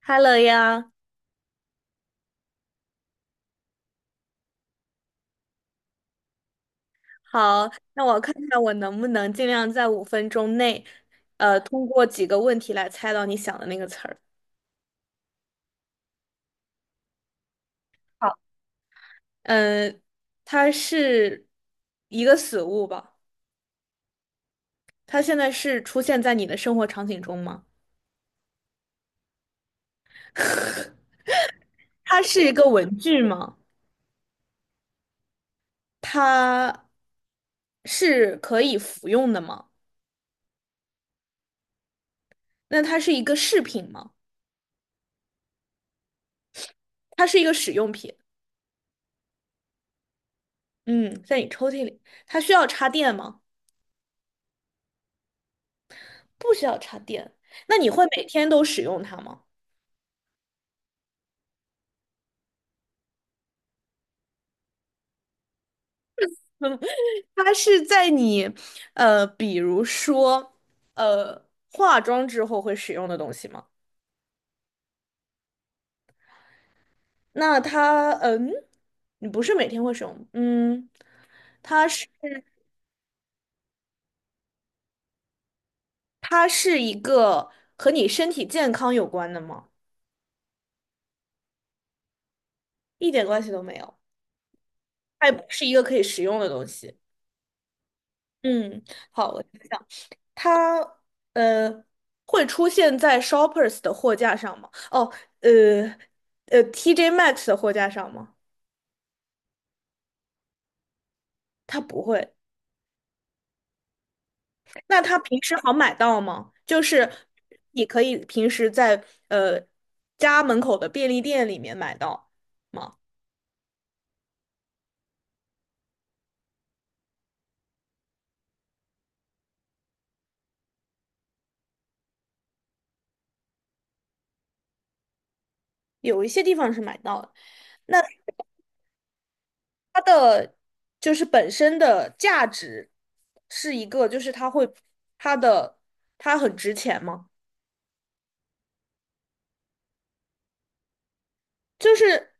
哈喽呀，好，那我看看我能不能尽量在5分钟内，通过几个问题来猜到你想的那个词儿。嗯，它是一个死物吧？它现在是出现在你的生活场景中吗？它是一个文具吗？它是可以服用的吗？那它是一个饰品吗？它是一个使用品。嗯，在你抽屉里，它需要插电吗？不需要插电。那你会每天都使用它吗？嗯 它是在你，比如说，化妆之后会使用的东西吗？那它，嗯，你不是每天会使用，嗯，它是一个和你身体健康有关的吗？一点关系都没有，它也不是一个可以食用的东西。嗯，好，我想想，它呃会出现在 Shoppers 的货架上吗？哦，呃TJ Maxx 的货架上吗？它不会。那它平时好买到吗？就是你可以平时在呃家门口的便利店里面买到吗？有一些地方是买到的。那它的就是本身的价值是一个，就是它会它的它很值钱吗？就是，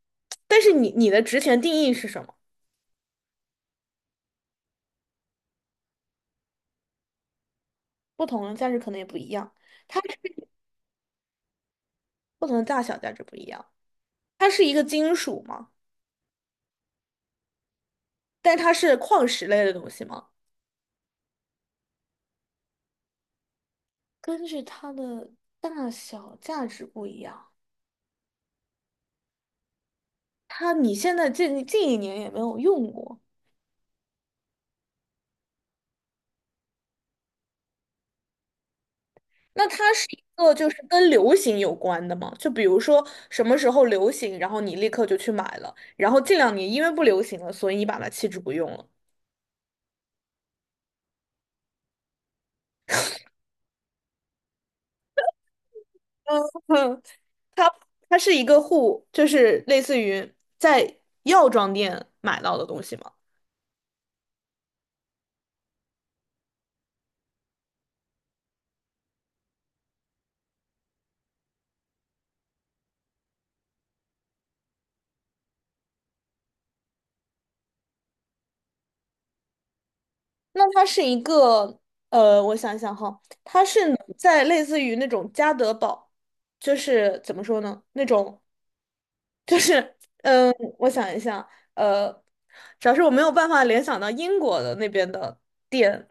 但是你的值钱定义是什么？不同的价值可能也不一样，它是不同的大小价值不一样。它是一个金属吗？但它是矿石类的东西吗？根据它的大小价值不一样。它你现在近一年也没有用过，那它是一个就是跟流行有关的吗？就比如说什么时候流行，然后你立刻就去买了，然后近2年因为不流行了，所以你把它弃之不用了。嗯，它它是一个护，就是类似于在药妆店买到的东西嘛。那它是一个我想一想哈，它是能在类似于那种家得宝，就是怎么说呢？那种就是嗯、呃我想一下，呃，主要是我没有办法联想到英国的那边的店，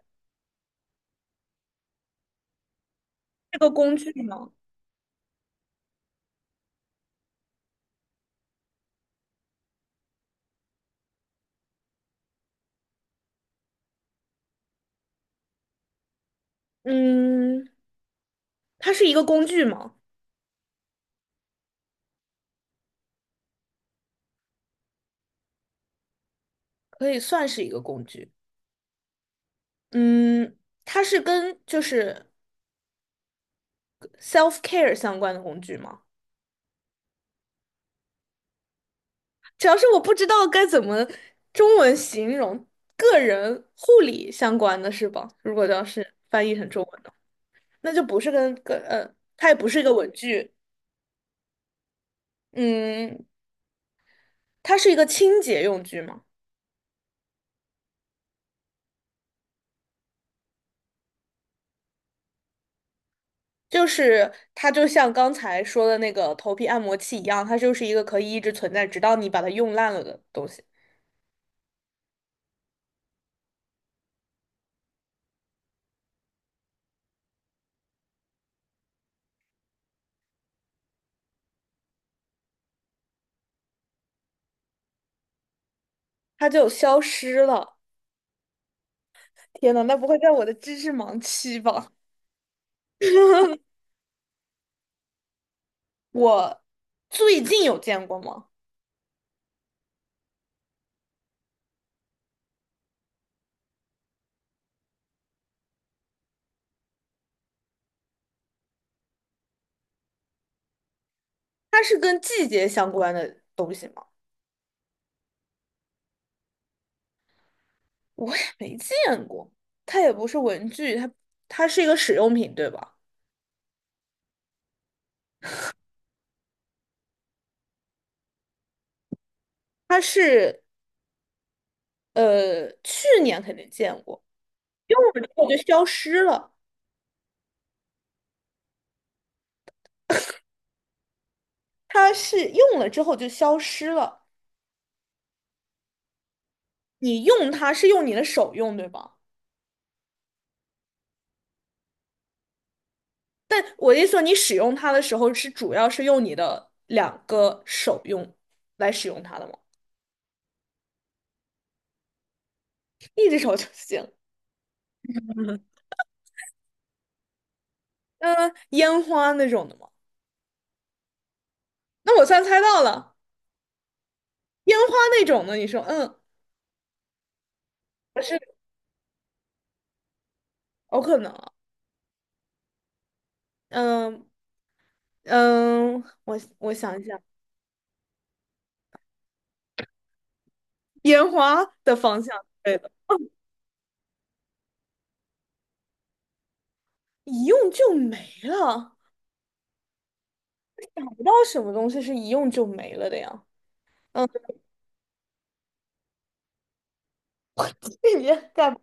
这个工具呢，嗯，它是一个工具吗？可以算是一个工具。嗯，它是跟就是 self care 相关的工具吗？主要是我不知道该怎么中文形容个人护理相关的是吧？如果要是翻译成中文的，那就不是跟跟呃，它也不是一个文具，嗯，它是一个清洁用具嘛，就是它就像刚才说的那个头皮按摩器一样，它就是一个可以一直存在，直到你把它用烂了的东西，它就消失了。天呐，那不会在我的知识盲区吧？我最近有见过吗？它是跟季节相关的东西吗？我也没见过，它也不是文具，它是一个使用品，对吧？它是去年肯定见过，用了之后就消失了。它是用了之后就消失了。你用它是用你的手用，对吧？但我的意思说，你使用它的时候是主要是用你的两个手用来使用它的吗？一只手就行。嗯、烟花那种的吗？那我算猜到了。烟花那种的，你说，嗯，不是有可能，嗯嗯，我想一想，烟花的方向，对的，一用就没了，找不到什么东西是一用就没了的呀。嗯，这你在，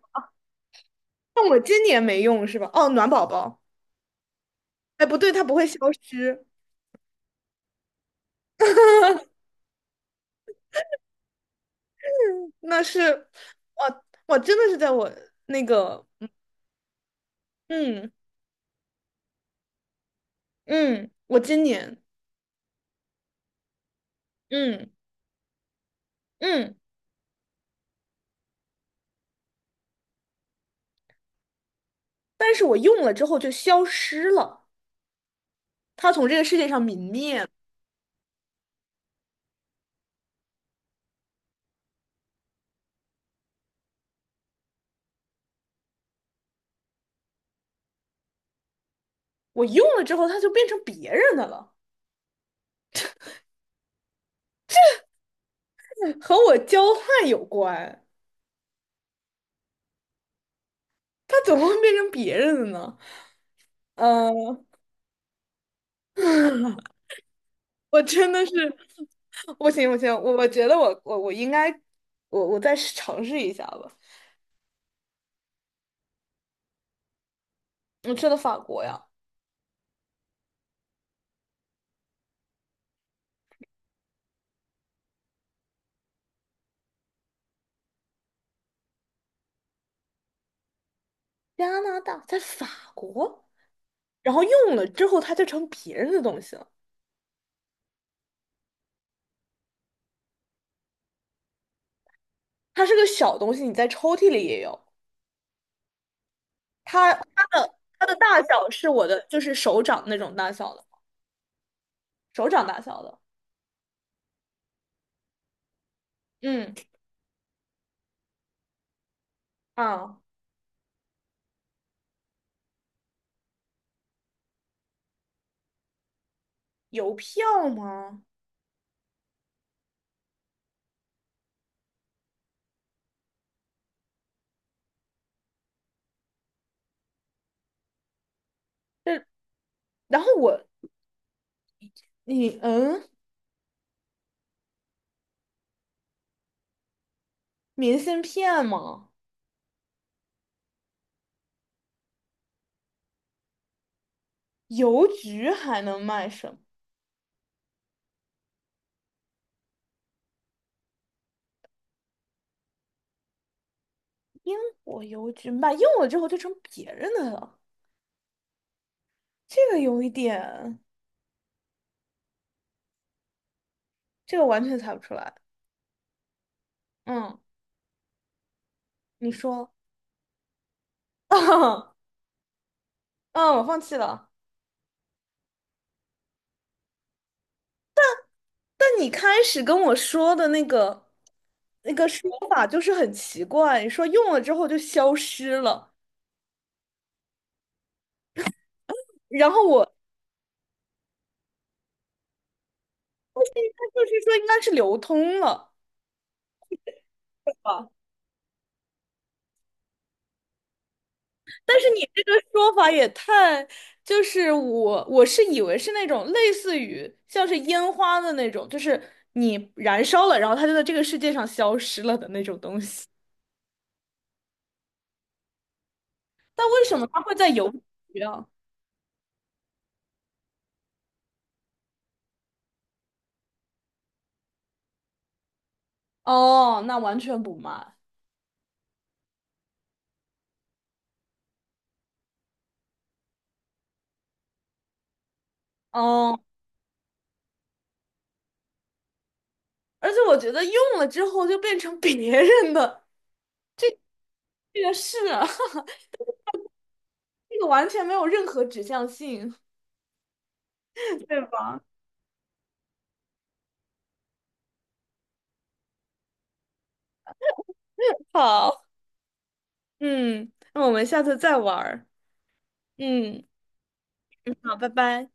但我今年没用是吧？哦，暖宝宝，哎，不对，它不会消失，那是，我真的是在我那个，嗯嗯，我今年，嗯嗯，但是我用了之后就消失了。它从这个世界上泯灭。我用了之后，它就变成别人的了，和我交换有关。它怎么会变成别人的呢？嗯，我真的是，不行不行，我觉得我应该，我再尝试一下吧。我去了法国呀，加拿大，在法国，然后用了之后，它就成别人的东西了。它是个小东西，你在抽屉里也有。它的大小是我的，就是手掌那种大小的，手掌大小的。嗯啊。邮票吗？这，然后我，你嗯，明信片吗？邮局还能卖什么？英国邮局卖用了之后就成别人的了，这个有一点，这个完全猜不出来。嗯，你说，啊，嗯我放弃了。但你开始跟我说的那个说法就是很奇怪，你说用了之后就消失了，然后我，那就是说应该是流通了。对吧？但是你这个说法也太，就是我是以为是那种类似于像是烟花的那种，就是你燃烧了，然后它就在这个世界上消失了的那种东西。但为什么它会在邮局啊？哦，那完全不嘛。哦，而且我觉得用了之后就变成别人的，这个是啊 这个完全没有任何指向性，对吧？好，嗯，那我们下次再玩儿嗯，好，拜拜。